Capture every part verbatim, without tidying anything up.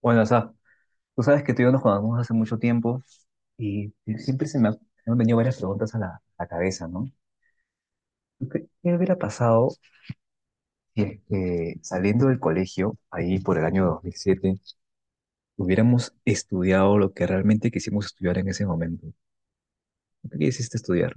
Bueno, o sea, tú sabes que tú y yo nos conocemos hace mucho tiempo y siempre se me, ha- me han venido varias preguntas a la, a la cabeza, ¿no? ¿Tú ¿Qué, qué hubiera pasado si es que saliendo del colegio, ahí por el año dos mil siete hubiéramos estudiado lo que realmente quisimos estudiar en ese momento? ¿Lo que quisiste estudiar?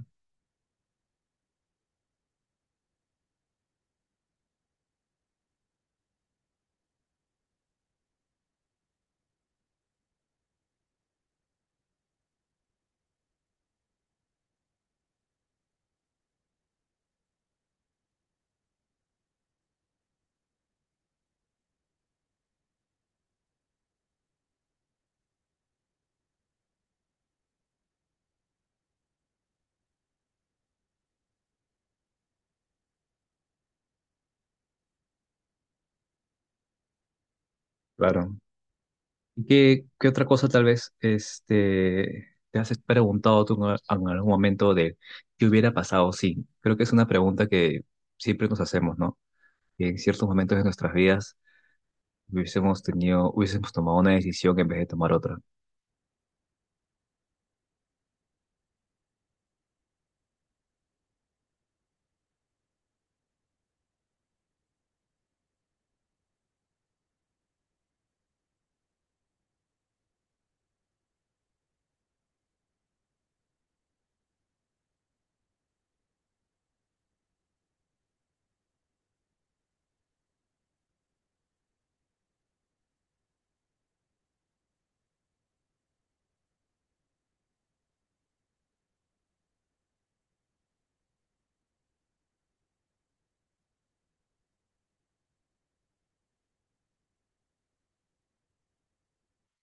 Claro. ¿Y qué, qué otra cosa tal vez este, te has preguntado tú en en algún momento de qué hubiera pasado? Sí, creo que es una pregunta que siempre nos hacemos, ¿no? Que en ciertos momentos de nuestras vidas hubiésemos tenido, hubiésemos tomado una decisión en vez de tomar otra.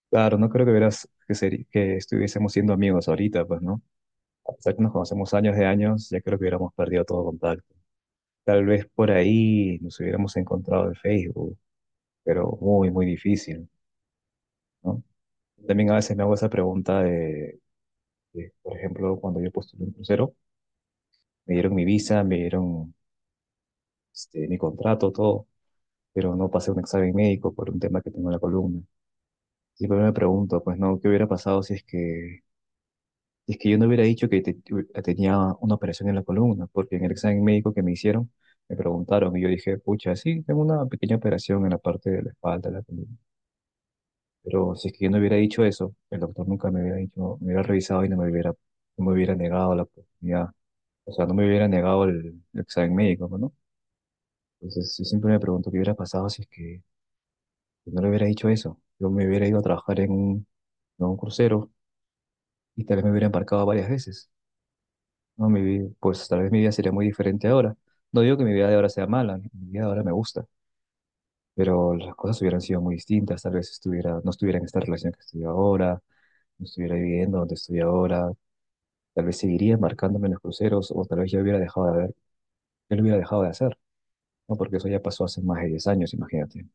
Claro, no creo que hubieras que, seri- que estuviésemos siendo amigos ahorita, pues, ¿no? A pesar que nos conocemos años de años, ya creo que hubiéramos perdido todo contacto. Tal vez por ahí nos hubiéramos encontrado en Facebook, pero muy, muy difícil, ¿no? También a veces me hago esa pregunta de, de, por ejemplo, cuando yo postulé un crucero, me dieron mi visa, me dieron este, mi contrato, todo, pero no pasé un examen médico por un tema que tengo en la columna. Siempre me pregunto, pues, ¿no? ¿Qué hubiera pasado si es que Es que yo no hubiera dicho que te- tenía una operación en la columna, porque en el examen médico que me hicieron me preguntaron y yo dije, pucha, sí, tengo una pequeña operación en la parte de la espalda, de la columna. Pero si es que yo no hubiera dicho eso, el doctor nunca me hubiera dicho, me hubiera revisado y no me hubiera, no me hubiera negado la oportunidad. O sea, no me hubiera negado el, el examen médico, ¿no? Entonces, yo siempre me pregunto qué hubiera pasado si es que no le hubiera dicho eso. Yo me hubiera ido a trabajar en un, en un crucero y tal vez me hubiera embarcado varias veces. No, mi vida, pues tal vez mi vida sería muy diferente ahora. No digo que mi vida de ahora sea mala, mi vida de ahora me gusta, pero las cosas hubieran sido muy distintas, tal vez estuviera, no estuviera en esta relación que estoy ahora, no estuviera viviendo donde estoy ahora, tal vez seguiría embarcándome en los cruceros o tal vez ya hubiera dejado de ver, yo lo hubiera dejado de hacer, ¿no? Porque eso ya pasó hace más de diez años, imagínate.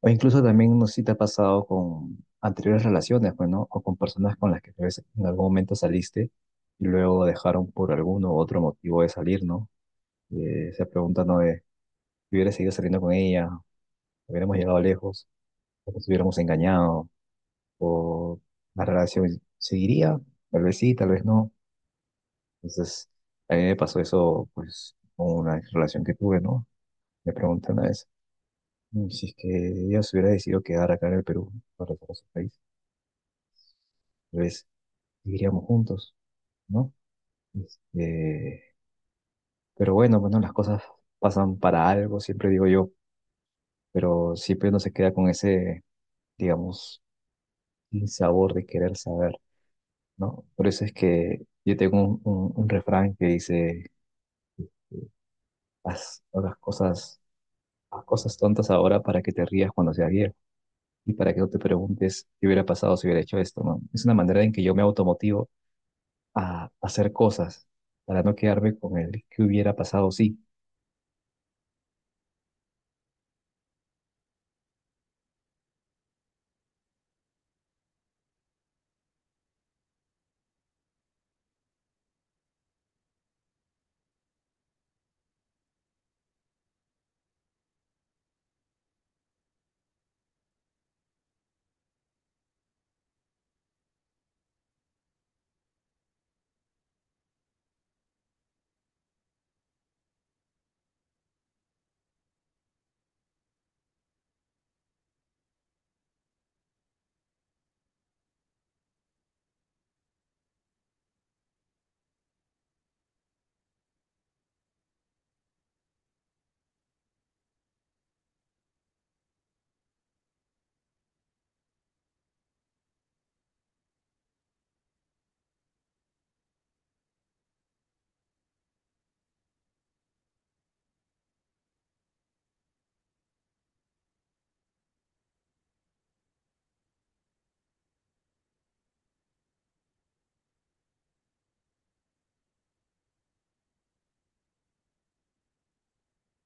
O incluso también no sé si te ha pasado con anteriores relaciones, pues, ¿no? O con personas con las que tal vez en algún momento saliste y luego dejaron por alguno u otro motivo de salir, ¿no? Eh, esa pregunta no es, si hubiera seguido saliendo con ella, hubiéramos llegado lejos, o nos hubiéramos engañado, o la relación seguiría, tal vez sí, tal vez no. Entonces, a mí me pasó eso, pues, con una relación que tuve, ¿no? Me preguntan una vez, mm, si es que ella se hubiera decidido quedar acá en el Perú, para regresar a su país, tal vez seguiríamos juntos, ¿no? Este, pero bueno, bueno, las cosas pasan para algo, siempre digo yo, pero siempre uno se queda con ese, digamos, el sabor de querer saber, ¿no? Por eso es que yo tengo un, un- un refrán que dice, eh, haz haz las cosas, haz cosas tontas ahora para que te rías cuando seas viejo y para que no te preguntes qué hubiera pasado si hubiera hecho esto, ¿no? Es una manera en que yo me automotivo a hacer cosas para no quedarme con el que hubiera pasado sí.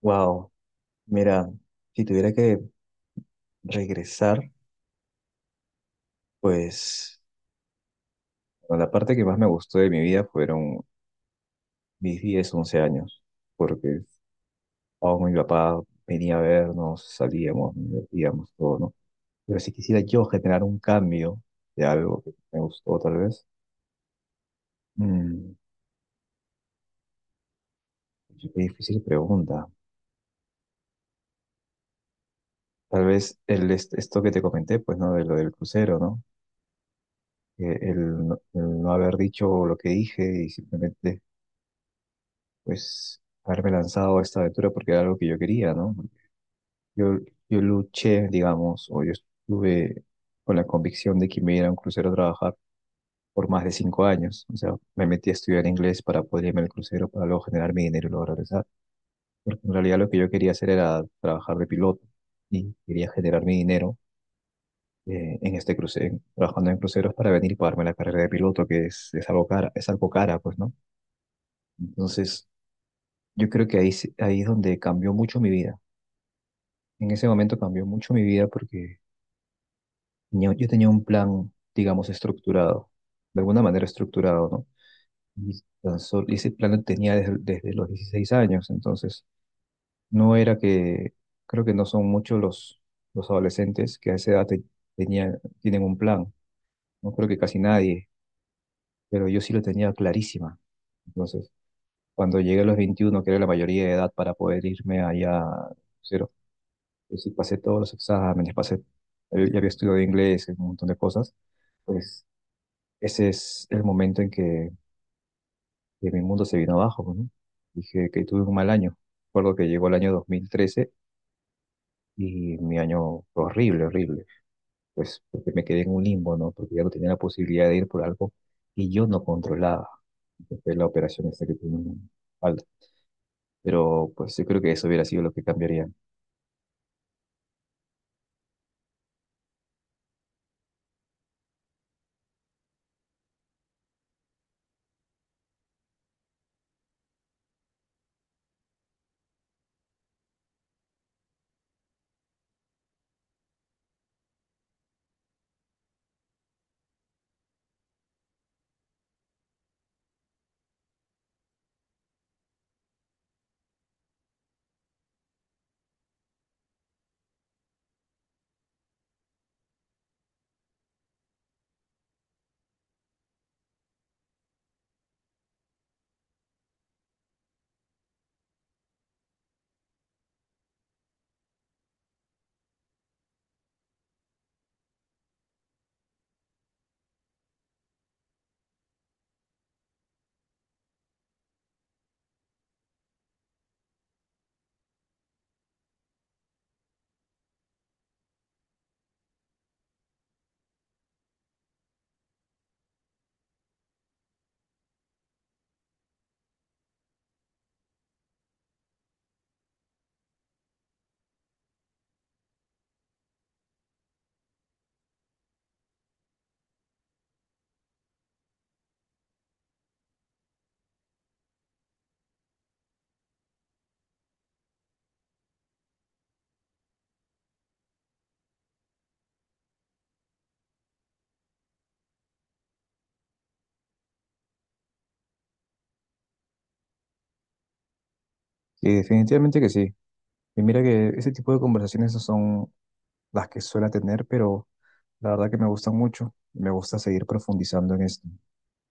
Wow, mira, si tuviera que regresar, pues bueno, la parte que más me gustó de mi vida fueron mis diez, once años, porque o mi papá venía a vernos, salíamos, nos divertíamos, todo, ¿no? Pero si quisiera yo generar un cambio de algo que me gustó, tal vez, mm, qué difícil pregunta. Tal vez el, est- esto que te comenté, pues, ¿no? De lo del crucero, ¿no? Que el, no el no haber dicho lo que dije y simplemente, pues, haberme lanzado a esta aventura porque era algo que yo quería, ¿no? Yo, yo luché, digamos, o yo estuve con la convicción de que me iba a ir a un crucero a trabajar por más de cinco años. O sea, me metí a estudiar inglés para poder irme al crucero, para luego generar mi dinero y luego regresar. Porque en realidad lo que yo quería hacer era trabajar de piloto y quería generar mi dinero eh, en este crucero, trabajando en cruceros para venir y pagarme la carrera de piloto, que es, es algo cara, es algo cara, pues, ¿no? Entonces, yo creo que ahí, se- ahí es donde cambió mucho mi vida. En ese momento cambió mucho mi vida porque tenía- yo tenía un plan, digamos, estructurado, de alguna manera estructurado, ¿no? Y tan sol- y ese plan lo tenía desde, desde los dieciséis años, entonces no era que, creo que no son muchos los, los adolescentes que a esa edad te- tenían, tienen un plan, no creo que casi nadie, pero yo sí lo tenía clarísima. Entonces, cuando llegué a los veintiuno que era la mayoría de edad para poder irme allá, cero, pues sí pasé todos los exámenes, pasé, eh, ya había estudiado inglés, un montón de cosas, pues ese es el momento en que que mi mundo se vino abajo, ¿no? Dije que tuve un mal año. Recuerdo que llegó el año dos mil trece y mi año fue horrible, horrible. Pues porque me quedé en un limbo, ¿no? Porque ya no tenía la posibilidad de ir por algo y yo no controlaba. Que Fue la operación esta que tuve en la espalda. Pero pues yo creo que eso hubiera sido lo que cambiaría. Sí, definitivamente que sí. Y mira que ese tipo de conversaciones no son las que suelo tener, pero la verdad que me gustan mucho. Me gusta seguir profundizando en esto.